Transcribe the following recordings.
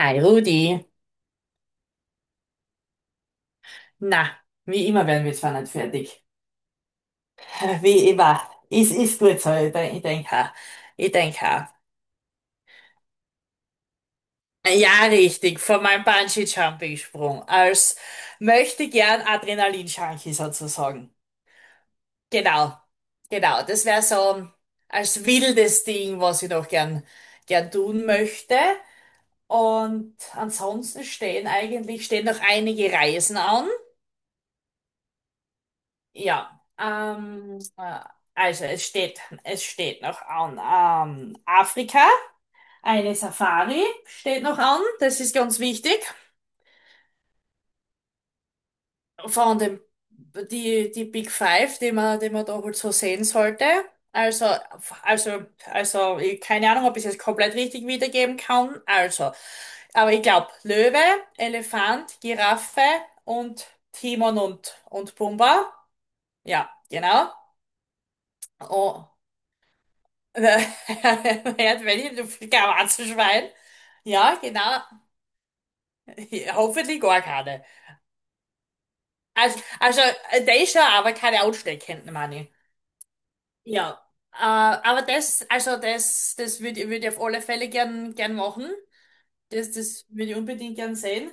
Hi Rudi. Na, wie immer werden wir zwar nicht fertig. Wie immer. Es ist gut so. Ich denke, ich denk auch. Ich denk auch. Ja, richtig. Von meinem Bungee-Jumping-Sprung. Als möchte gern Adrenalin-Junkie sozusagen. Genau. Genau. Das wäre so als wildes Ding, was ich noch gern tun möchte. Und ansonsten stehen noch einige Reisen an. Ja, also es steht noch an Afrika. Eine Safari steht noch an, das ist ganz wichtig. Von dem, die Big Five, die man da wohl so sehen sollte. Also, also, ich, keine Ahnung, ob ich es jetzt komplett richtig wiedergeben kann. Also, aber ich glaube, Löwe, Elefant, Giraffe und Timon und Pumba. Ja, genau. Oh. Hört, wenn ich, du Schwein. Ja, genau. Hoffentlich gar keine. Also der ist schon, aber keine ansteckenden, meine ich. Ja. Aber also das, das würd ich auf alle Fälle gern machen. Das würde ich unbedingt gern sehen.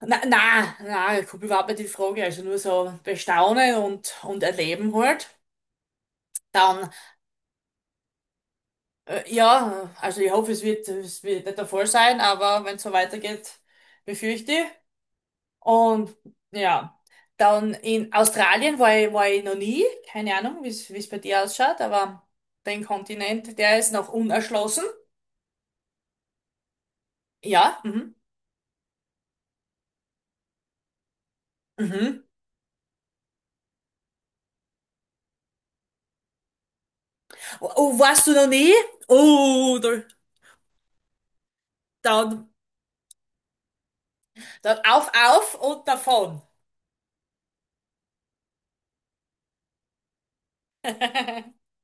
Na, na, ich komme überhaupt nicht in Frage. Also nur so bestaunen und erleben halt. Dann, ja, also ich hoffe, es wird nicht der Fall sein, aber wenn es so weitergeht, befürchte ich. Und ja, dann in Australien war ich noch nie. Keine Ahnung, wie es bei dir ausschaut, aber den Kontinent, der ist noch unerschlossen. Ja, mhm. Mhm. Oh, oh, warst du noch nie? Oh, da, dann, dann auf und davon.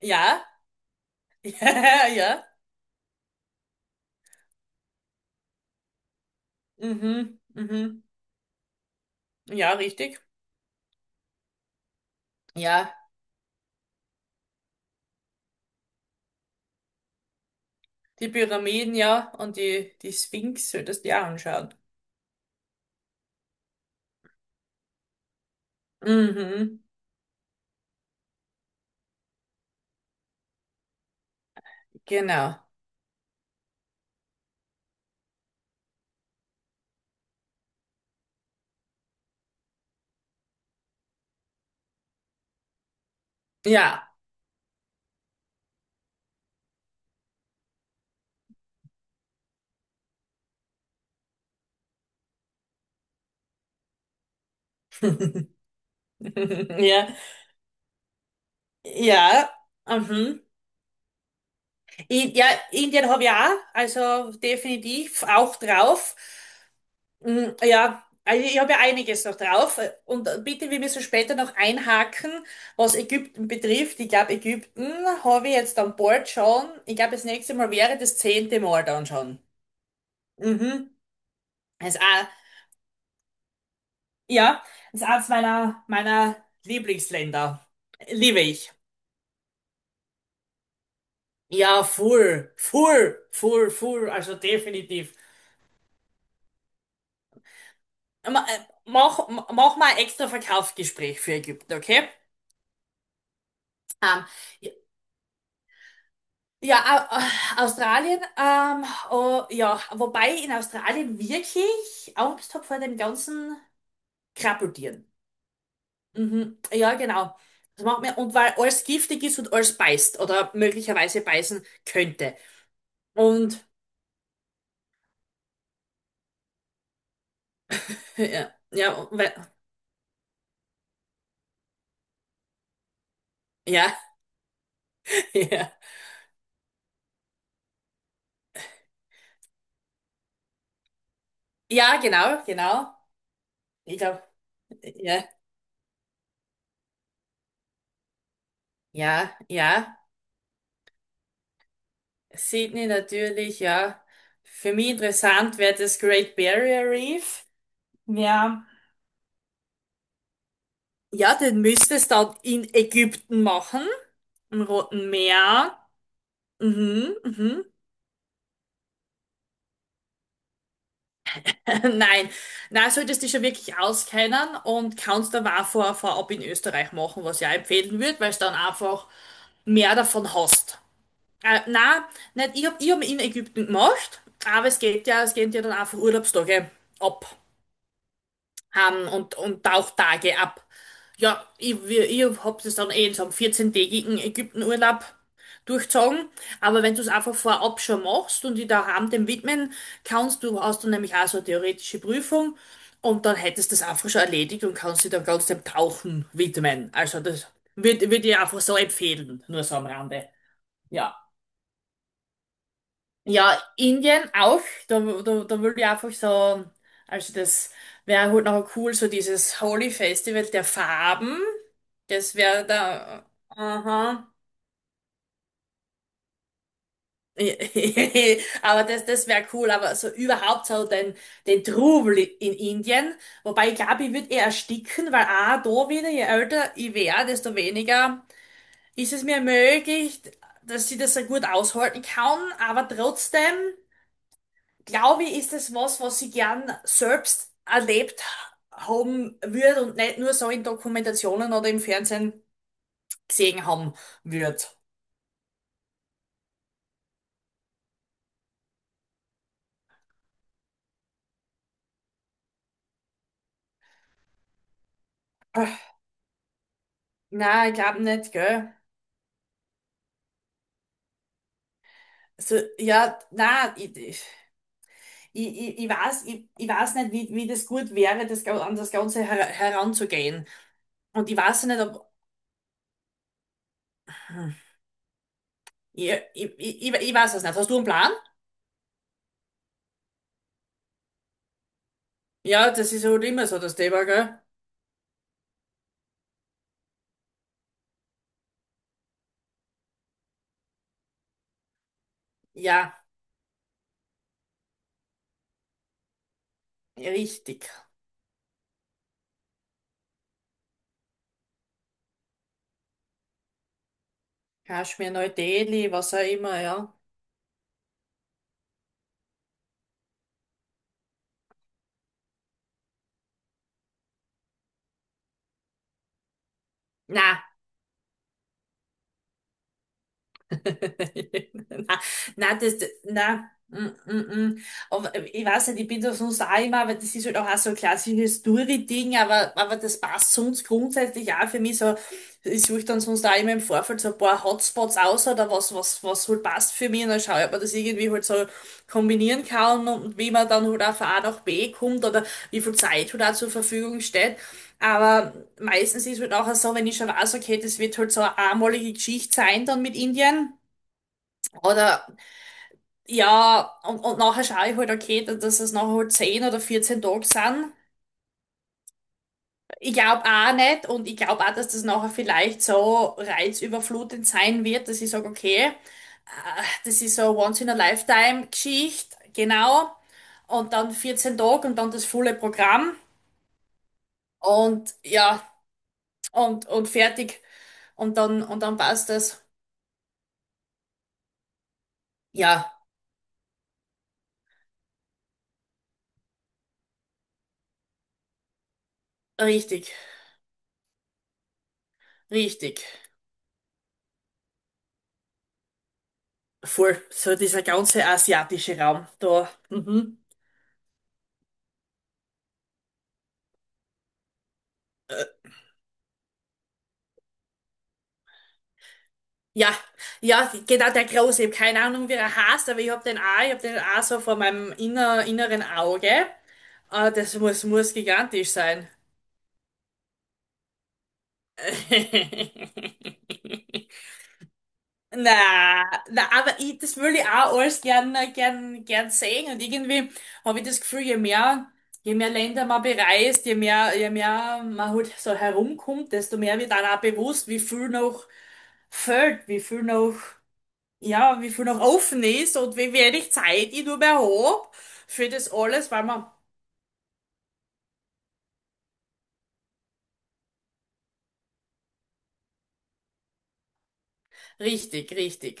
Ja, ja, ja. Mhm, mhm. Ja, richtig. Ja, die Pyramiden, ja, und die Sphinx solltest du dir anschauen. Mhm, genau. Ja, ja. Ja, mhm. Ja, Indien habe ich auch, also definitiv auch drauf. Mm, ja, also ich habe ja einiges noch drauf. Und bitte, wir müssen später noch einhaken, was Ägypten betrifft. Ich glaube, Ägypten habe ich jetzt an Bord schon. Ich glaube, das nächste Mal wäre das zehnte Mal dann schon. Mhm. Das ist auch, ja, das ist eins meiner Lieblingsländer. Liebe ich. Ja, full, also definitiv. Ma- äh, mach mal ein extra Verkaufsgespräch für Ägypten, okay? Ähm, ja, Australien, oh, ja, wobei ich in Australien wirklich Angst habe vor dem ganzen Krabbeltieren. Mhm, ja, genau. Das macht mir, und weil alles giftig ist und alles beißt oder möglicherweise beißen könnte. Und ja, ja, ja, ja, genau, genau. Ich glaube, ja, ja, ja. Sydney natürlich, ja. Für mich interessant wäre das Great Barrier Reef. Ja. Ja, den müsstest du dann in Ägypten machen, im Roten Meer. Mhm, mhm. Nein, nein, solltest dich schon wirklich auskennen und kannst dann auch vorab in Österreich machen, was ich auch empfehlen würde, weil du dann einfach mehr davon hast. Nein, nicht, ich hab, in Ägypten gemacht, aber es gehen ja dann einfach Urlaubstage ab. Haben und Tauchtage ab. Ja, ich hab das dann eh in so einem 14 Ägyptenurlaub durchzogen. Aber wenn du es einfach vorab schon machst und dich daheim dem widmen kannst, du hast dann nämlich auch so eine theoretische Prüfung und dann hättest du das einfach schon erledigt und kannst dich dann ganz dem Tauchen widmen. Also das würd ich einfach so empfehlen, nur so am Rande. Ja. Ja, Indien auch. Da würde ich einfach so, also das wäre halt noch cool, so dieses Holi Festival der Farben. Das wäre da, aha. Aber das wäre cool, aber so überhaupt so den Trubel in Indien. Wobei ich glaube, ich würde eher ersticken, weil auch da wieder, je älter ich wäre, desto weniger ist es mir möglich, dass ich das so gut aushalten kann, aber trotzdem glaube ich, ist es was, was ich gern selbst erlebt haben würde und nicht nur so in Dokumentationen oder im Fernsehen gesehen haben würde. Na, ich glaube nicht, gell? Also, ja, na, ich, ich, ich weiß nicht, wie das gut wäre, an das Ganze heranzugehen. Und ich weiß nicht, ob. Hm. Ich weiß es nicht. Hast du einen Plan? Ja, das ist halt immer so das Thema, gell? Ja, richtig. Kaschmir, Neu-Delhi, was auch immer, ja. Na, na, na, das, na, mm, mm, mm. Aber ich weiß nicht, ich bin da sonst auch immer, aber das ist halt auch so ein klassisches Story-Ding, aber das passt sonst grundsätzlich auch für mich so. Ich suche dann sonst auch immer im Vorfeld so ein paar Hotspots aus oder was halt passt für mich und dann schaue ich, ob man das irgendwie halt so kombinieren kann und wie man dann halt auch von A nach B kommt oder wie viel Zeit halt auch zur Verfügung steht. Aber meistens ist halt auch so, wenn ich schon weiß, okay, das wird halt so eine einmalige Geschichte sein dann mit Indien. Oder ja, und nachher schaue ich halt, okay, dass es nachher halt 10 oder 14 Tage sind. Ich glaube auch nicht und ich glaube auch, dass das nachher vielleicht so reizüberflutend sein wird, dass ich sage, okay, das ist so eine Once-in-a-Lifetime-Geschichte, genau. Und dann 14 Tage und dann das volle Programm und ja, und fertig. Und dann passt das. Ja, richtig, richtig. Voll, so dieser ganze asiatische Raum da. Mhm. Ja, ja, genau der Große. Ich habe keine Ahnung, wie er heißt, aber ich habe den auch, ich habe den auch so vor meinem inneren Auge. Das muss, muss gigantisch sein. Na, na, aber ich, das will ich auch alles gern sehen. Und irgendwie habe ich das Gefühl, je mehr Länder man bereist, je mehr man halt so herumkommt, desto mehr wird dann auch bewusst, wie viel noch fehlt, wie viel noch. Ja, wie viel noch offen ist und wie wenig Zeit ich nur mehr habe für das alles, weil man. Richtig, richtig.